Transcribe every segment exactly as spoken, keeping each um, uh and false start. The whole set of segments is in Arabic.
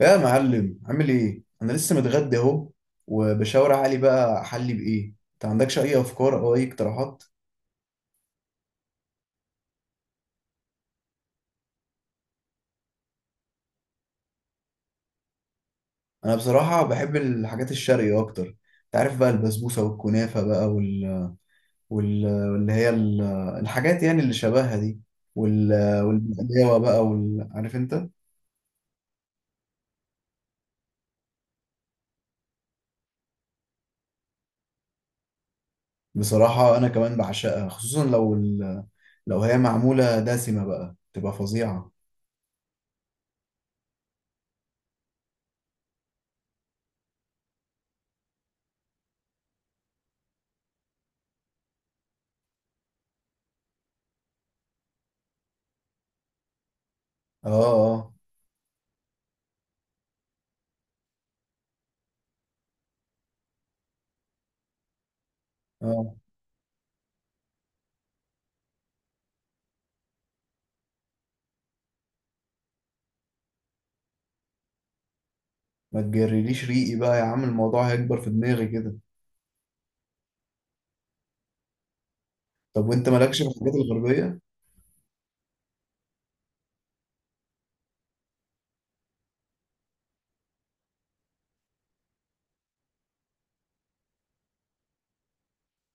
يا معلم، عامل ايه؟ انا لسه متغدى اهو، وبشاور علي بقى احلي بايه. انت عندكش اي افكار او اي اقتراحات؟ انا بصراحه بحب الحاجات الشرقي اكتر. انت عارف بقى البسبوسه والكنافه بقى وال... وال... واللي هي ال... الحاجات يعني اللي شبهها دي وال... والبقلاوه بقى وال... عارف انت. بصراحه انا كمان بعشقها، خصوصا لو ال... لو هي معموله دسمه بقى تبقى فظيعه. اه اه اه. ما تجرليش ريقي بقى يا عم، الموضوع هيكبر في دماغي كده. طب وانت مالكش في الحاجات الغربية؟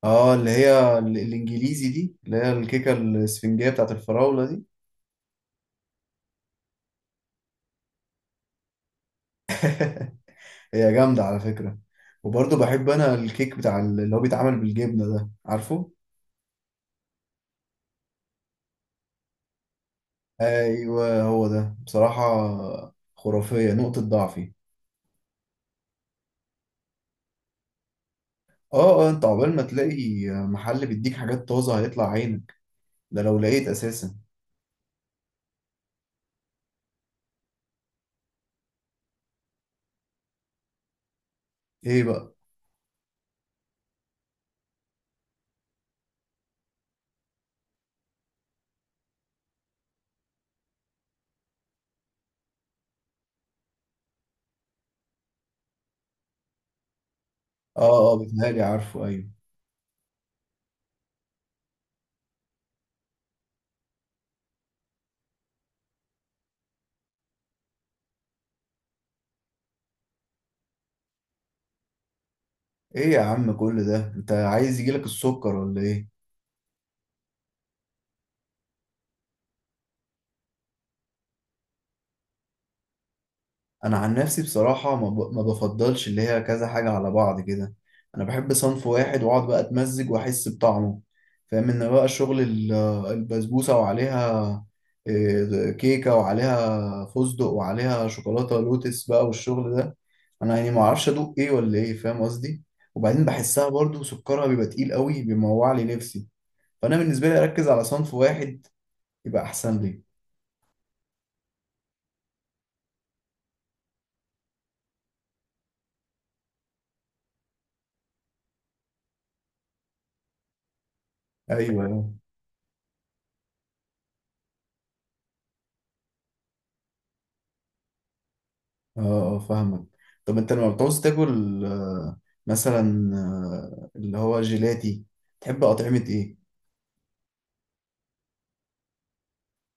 اه، اللي هي ال- الانجليزي دي، اللي هي الكيكة الاسفنجية بتاعت الفراولة دي. هي جامدة على فكرة. وبرضه بحب انا الكيك بتاع ال- اللي هو بيتعمل بالجبنة ده، عارفه؟ ايوه هو ده، بصراحة خرافية، نقطة ضعفي. اه اه، انت عقبال ما تلاقي محل بيديك حاجات طازة هيطلع عينك، ده لو لقيت اساسا. ايه بقى؟ اه اه، بيتهيألي عارفه، ايوه. ايه يا عم، كل ده؟ انت عايز يجيلك السكر ولا ايه؟ انا عن نفسي بصراحه ما ب- ما بفضلش اللي هي كذا حاجه على بعض كده. انا بحب صنف واحد، واقعد بقى اتمزج واحس بطعمه. فاهم ان بقى شغل ال- البسبوسه وعليها إيه، كيكه وعليها فستق وعليها شوكولاته لوتس بقى والشغل ده، انا يعني ما اعرفش ادوق ايه ولا ايه، فاهم قصدي. وبعدين بحسها برضو سكرها بيبقى تقيل قوي، بيموع لي نفسي. فانا بالنسبه لي اركز على صنف واحد، يبقى احسن لي. ايوه. اه اه، فاهمك. طب انت لما بتعوز تاكل آه، مثلا آه، اللي هو جيلاتي، تحب اطعمة ايه؟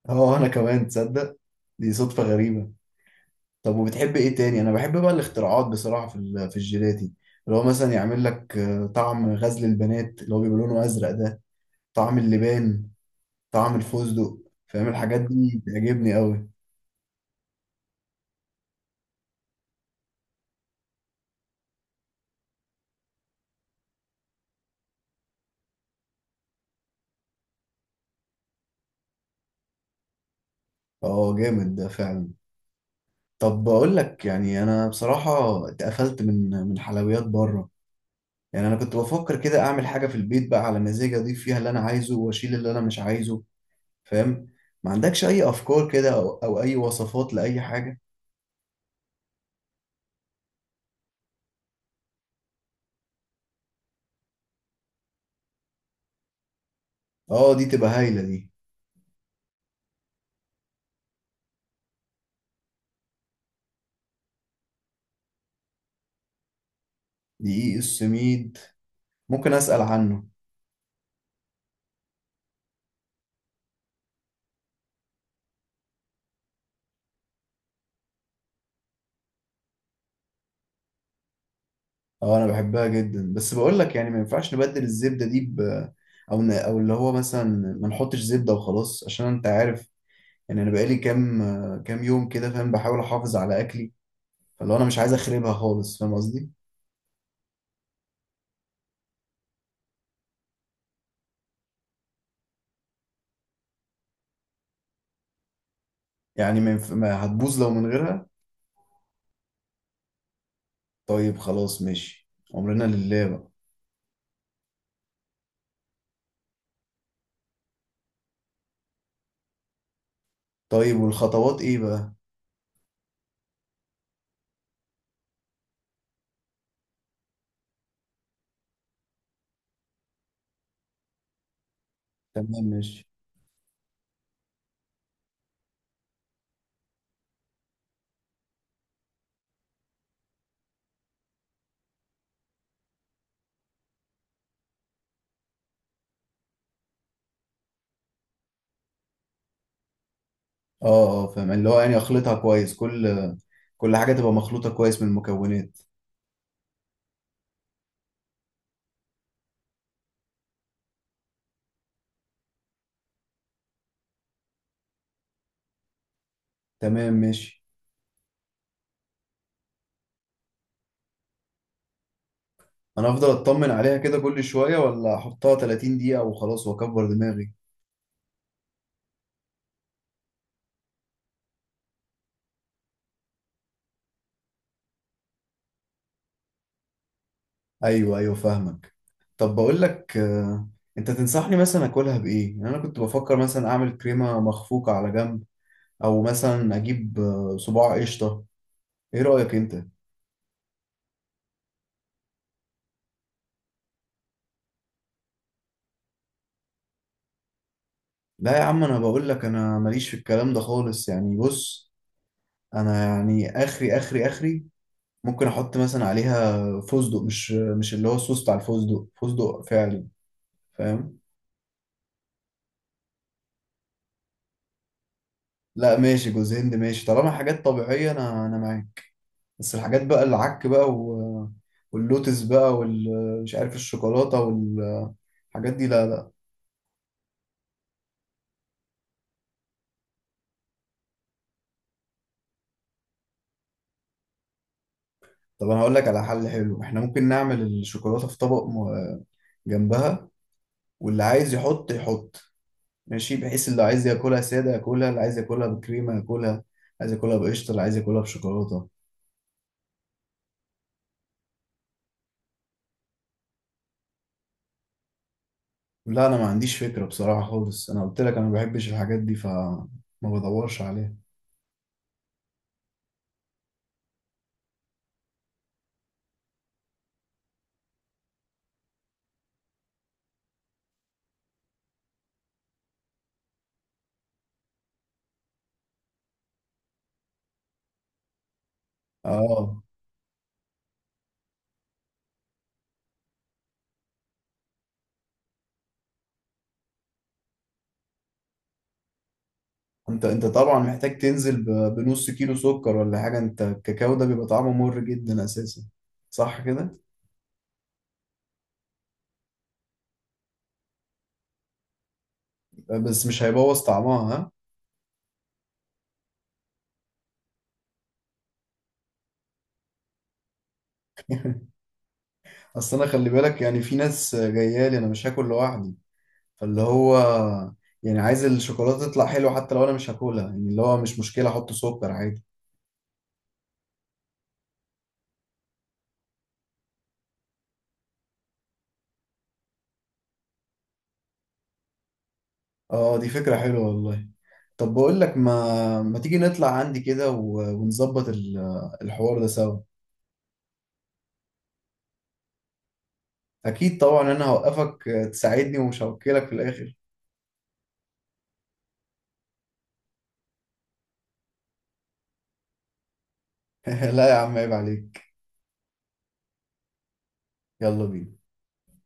اه انا كمان، تصدق دي صدفة غريبة. طب وبتحب ايه تاني؟ انا بحب بقى الاختراعات بصراحة في ال- في الجيلاتي، اللي هو مثلا يعمل لك آه، طعم غزل البنات اللي هو بيبقى لونه ازرق ده، طعم اللبان، طعم الفستق، فاهم الحاجات دي بتعجبني قوي. اه، جامد ده فعلا. طب بقول لك، يعني انا بصراحة اتقفلت من من حلويات بره. يعني انا كنت بفكر كده اعمل حاجه في البيت بقى على مزاجي، اضيف فيها اللي انا عايزه واشيل اللي انا مش عايزه، فاهم. ما عندكش اي افكار كده او, أو اي وصفات لاي حاجه؟ اه، دي تبقى هايله دي. دقيق السميد، ممكن اسال عنه. اه انا بحبها جدا، بس بقول لك يعني ما ينفعش نبدل الزبده دي ب او ن... او اللي هو مثلا ما نحطش زبده وخلاص، عشان انت عارف. يعني انا بقالي كام كام يوم كده، فاهم، بحاول احافظ على اكلي، فاللي هو انا مش عايز اخربها خالص، فاهم قصدي. يعني ما ينف... ما هتبوظ لو من غيرها. طيب خلاص ماشي، أمرنا لله بقى. طيب، والخطوات إيه بقى؟ تمام ماشي. اه اه فاهم، اللي هو يعني أخلطها كويس، كل كل حاجة تبقى مخلوطة كويس من المكونات. تمام ماشي. أنا أفضل أطمن عليها كده كل شوية، ولا أحطها ثلاتين دقيقه دقيقة وخلاص وأكبر دماغي؟ أيوه أيوه فاهمك. طب بقول لك آه، أنت تنصحني مثلا أكلها بإيه؟ يعني أنا كنت بفكر مثلا أعمل كريمة مخفوقة على جنب، أو مثلا أجيب آه، صباع قشطة. إيه رأيك أنت؟ لا يا عم، انا بقول لك انا ماليش في الكلام ده خالص، يعني بص، انا يعني اخري اخري اخري، ممكن احط مثلا عليها فستق، مش مش اللي هو الصوص بتاع الفستق، فستق فعلي، فاهم. لا ماشي، جوز هند ماشي طالما حاجات طبيعية، انا انا معاك. بس الحاجات بقى العك بقى و... واللوتس بقى والمش عارف الشوكولاتة والحاجات دي، لا لا. طب انا هقول لك على حل حلو، احنا ممكن نعمل الشوكولاتة في طبق م- جنبها، واللي عايز يحط يحط، ماشي، بحيث اللي عايز ياكلها ساده ياكلها، اللي عايز ياكلها بكريمه ياكلها، عايز ياكلها بقشطه، اللي عايز ياكلها بشوكولاته. لا انا ما عنديش فكره بصراحه خالص، انا قلت لك انا ما بحبش الحاجات دي فما بدورش عليها. اه، انت انت طبعا محتاج تنزل ب- بنص كيلو سكر ولا حاجه، انت الكاكاو ده بيبقى طعمه مر جدا اساسا، صح كده؟ بس مش هيبوظ طعمها ها؟ اصل انا، خلي بالك، يعني في ناس جايه لي، انا مش هاكل لوحدي، فاللي هو يعني عايز الشوكولاتة تطلع حلوة، حتى لو أنا مش هاكلها، يعني اللي هو مش مشكلة أحط سكر عادي. اه، دي فكرة حلوة والله. طب بقول لك، ما ما تيجي نطلع عندي كده و- ونظبط ال- الحوار ده سوا. أكيد طبعا، أنا هوقفك تساعدني ومش هوكلك في الآخر. لا يا عم، عيب عليك. يلا بينا.